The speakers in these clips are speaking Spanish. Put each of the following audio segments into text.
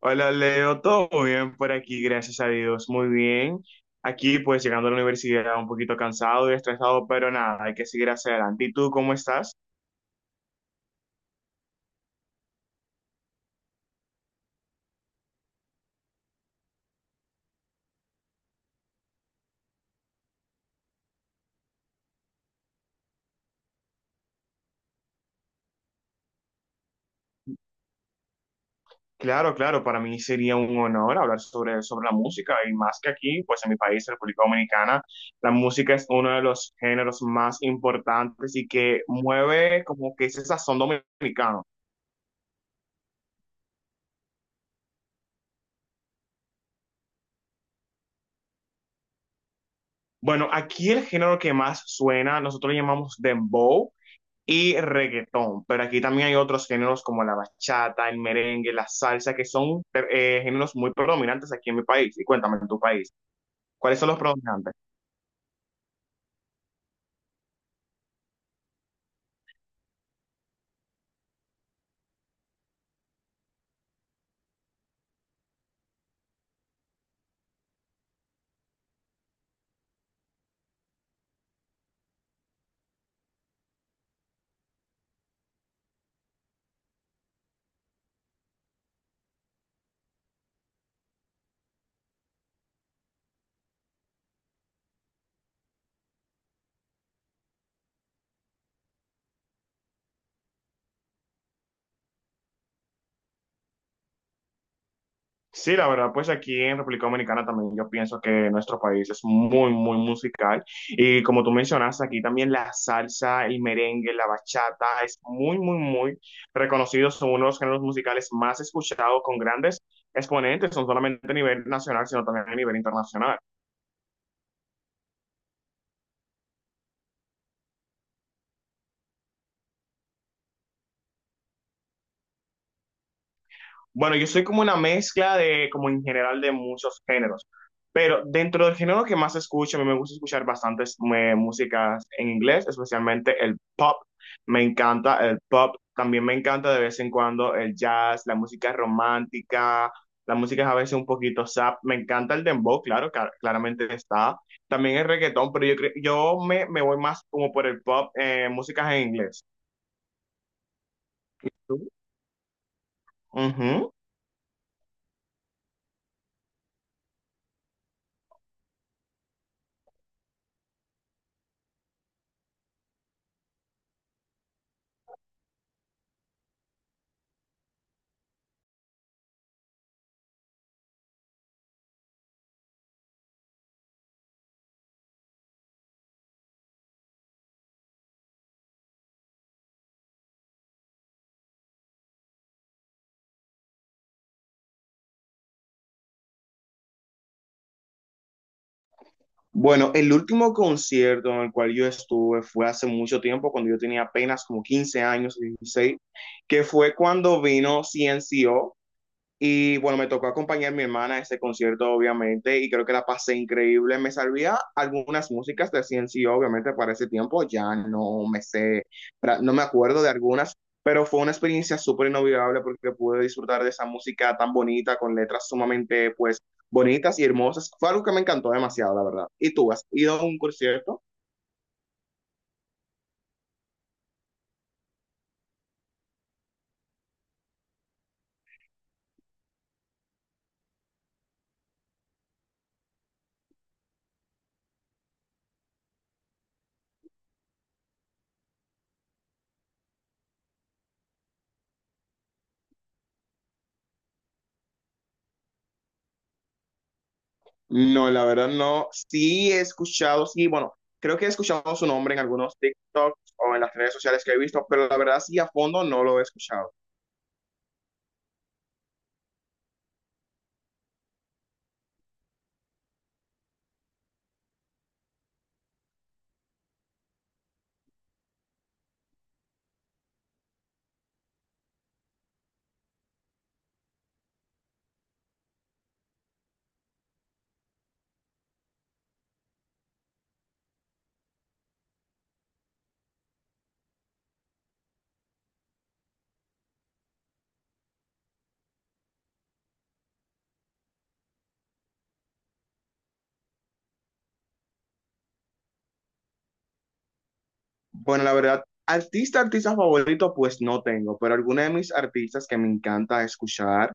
Hola Leo, todo bien por aquí, gracias a Dios, muy bien. Aquí pues llegando a la universidad un poquito cansado y estresado, pero nada, hay que seguir hacia adelante. ¿Y tú cómo estás? Claro, claro, para mí sería un honor hablar sobre la música y más que aquí, pues en mi país, la República Dominicana, la música es uno de los géneros más importantes y que mueve como que ese sazón dominicano. Bueno, aquí el género que más suena, nosotros lo llamamos dembow y reggaetón, pero aquí también hay otros géneros como la bachata, el merengue, la salsa, que son géneros muy predominantes aquí en mi país. Y cuéntame, en tu país, ¿cuáles son los predominantes? Sí, la verdad, pues aquí en República Dominicana también yo pienso que nuestro país es muy, muy musical. Y como tú mencionaste, aquí también la salsa, el merengue, la bachata es muy, muy, muy reconocido. Son uno de los géneros musicales más escuchados con grandes exponentes, no solamente a nivel nacional, sino también a nivel internacional. Bueno, yo soy como una mezcla de, como en general, de muchos géneros. Pero dentro del género que más escucho, a mí me gusta escuchar bastantes músicas en inglés, especialmente el pop. Me encanta el pop. También me encanta de vez en cuando el jazz, la música romántica, la música a veces un poquito sap. Me encanta el dembow, claro, claramente está. También el reggaetón, pero yo, cre- yo me, me voy más como por el pop, músicas en inglés. ¿Tú? Ujú. Bueno, el último concierto en el cual yo estuve fue hace mucho tiempo, cuando yo tenía apenas como 15 años, 16, que fue cuando vino CNCO, y bueno, me tocó acompañar a mi hermana a ese concierto, obviamente, y creo que la pasé increíble. Me sabía algunas músicas de CNC, obviamente, para ese tiempo ya no me sé, no me acuerdo de algunas, pero fue una experiencia súper inolvidable porque pude disfrutar de esa música tan bonita, con letras sumamente, pues, bonitas y hermosas. Fue algo que me encantó demasiado, la verdad. ¿Y tú has ido a un concierto? No, la verdad no. Sí he escuchado, sí, bueno, creo que he escuchado su nombre en algunos TikToks o en las redes sociales que he visto, pero la verdad sí a fondo no lo he escuchado. Bueno, la verdad, artista, artista favorito, pues no tengo, pero alguna de mis artistas que me encanta escuchar.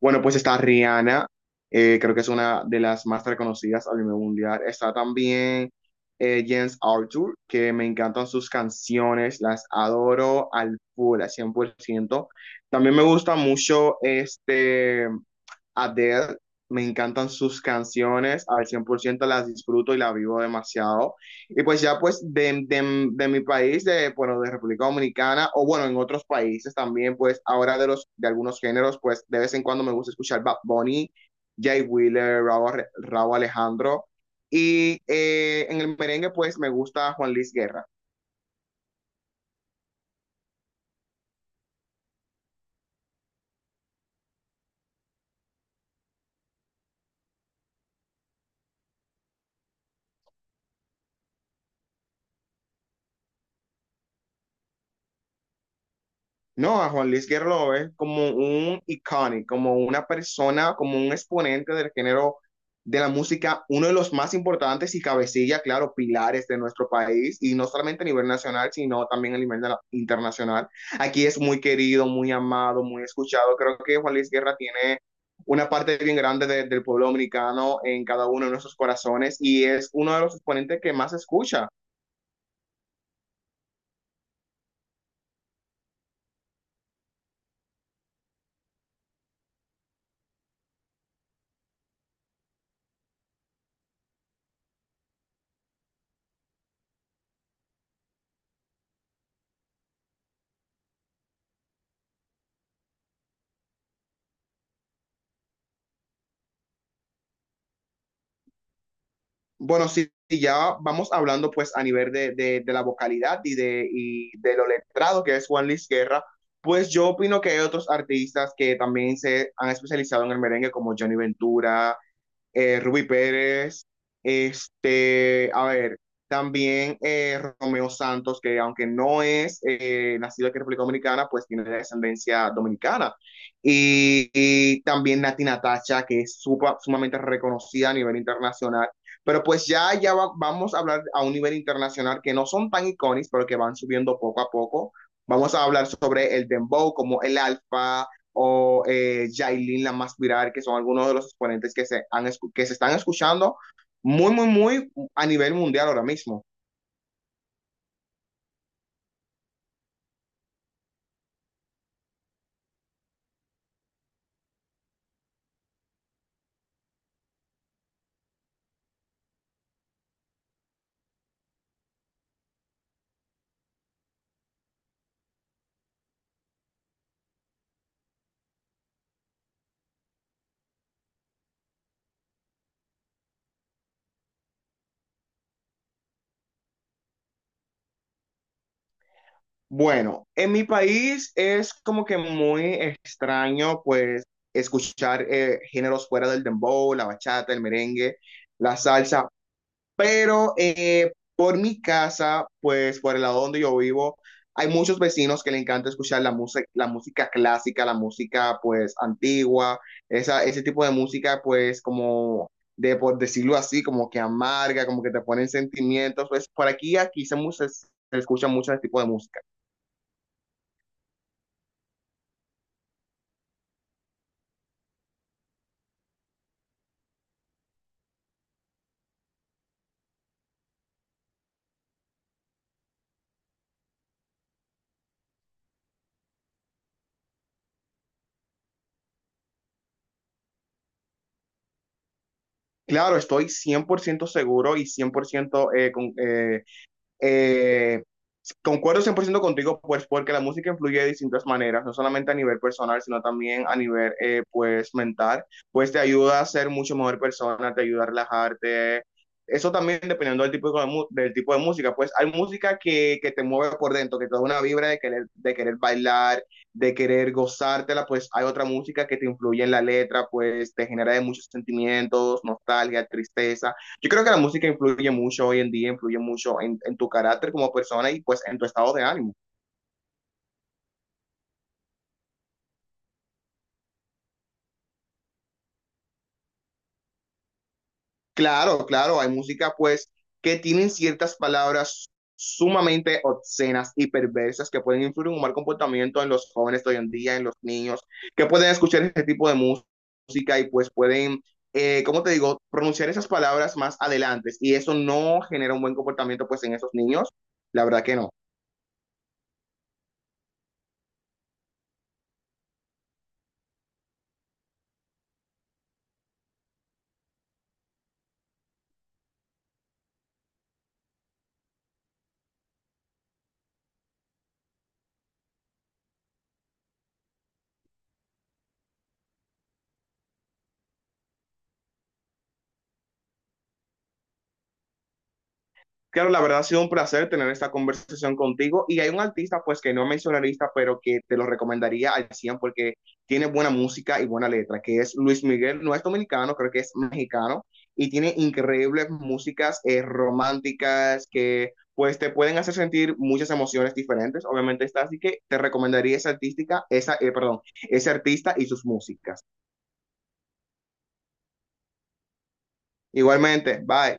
Bueno, pues está Rihanna, creo que es una de las más reconocidas a nivel mundial. Está también James Arthur, que me encantan sus canciones, las adoro al full, al 100%. También me gusta mucho este. Adele, me encantan sus canciones, al 100% las disfruto y las vivo demasiado. Y pues ya pues de mi país, de, bueno, de República Dominicana, o bueno, en otros países también, pues ahora de, los, de algunos géneros, pues de vez en cuando me gusta escuchar Bad Bunny, Jay Wheeler, Raúl, Raúl Alejandro. Y en el merengue, pues me gusta Juan Luis Guerra. No, a Juan Luis Guerra lo ves como un iconic, como una persona, como un exponente del género de la música, uno de los más importantes y cabecilla, claro, pilares de nuestro país, y no solamente a nivel nacional, sino también a nivel internacional. Aquí es muy querido, muy amado, muy escuchado. Creo que Juan Luis Guerra tiene una parte bien grande del pueblo dominicano en cada uno de nuestros corazones y es uno de los exponentes que más se escucha. Bueno, si ya vamos hablando pues a nivel de la vocalidad y de lo letrado que es Juan Luis Guerra, pues yo opino que hay otros artistas que también se han especializado en el merengue como Johnny Ventura, Rubí Pérez, este, a ver, también Romeo Santos, que aunque no es nacido aquí en República Dominicana, pues tiene descendencia dominicana. Y también Nati Natacha, que es sumamente reconocida a nivel internacional. Pero pues ya, vamos a hablar a un nivel internacional que no son tan icónicos, pero que van subiendo poco a poco. Vamos a hablar sobre el dembow, como el alfa, o Yailin La Más Viral, que son algunos de los exponentes que se están escuchando muy, muy, muy a nivel mundial ahora mismo. Bueno, en mi país es como que muy extraño, pues, escuchar géneros fuera del dembow, la bachata, el merengue, la salsa, pero por mi casa, pues por el lado donde yo vivo, hay muchos vecinos que le encanta escuchar la música clásica, la música pues antigua, esa, ese tipo de música pues como de, por decirlo así, como que amarga, como que te ponen sentimientos. Pues por aquí, se escucha mucho ese tipo de música. Claro, estoy 100% seguro y 100% eh, concuerdo 100% contigo, pues porque la música influye de distintas maneras, no solamente a nivel personal, sino también a nivel, pues, mental, pues te ayuda a ser mucho mejor persona, te ayuda a relajarte. Eso también dependiendo del tipo del tipo de música, pues hay música que te mueve por dentro, que te da una vibra de querer bailar, de querer gozártela, pues hay otra música que te influye en la letra, pues te genera de muchos sentimientos, nostalgia, tristeza. Yo creo que la música influye mucho hoy en día, influye mucho en tu carácter como persona y pues en tu estado de ánimo. Claro, claro, hay música pues que tienen ciertas palabras sumamente obscenas y perversas que pueden influir en un mal comportamiento en los jóvenes de hoy en día, en los niños, que pueden escuchar este tipo de música y pues pueden, ¿cómo te digo? Pronunciar esas palabras más adelante. Y eso no genera un buen comportamiento pues en esos niños, la verdad que no. Claro, la verdad ha sido un placer tener esta conversación contigo y hay un artista pues que no es mencionarista, pero que te lo recomendaría al 100 porque tiene buena música y buena letra, que es Luis Miguel, no es dominicano, creo que es mexicano y tiene increíbles músicas románticas que pues te pueden hacer sentir muchas emociones diferentes, obviamente está, así que te recomendaría esa artística, esa, perdón, ese artista y sus músicas. Igualmente, bye.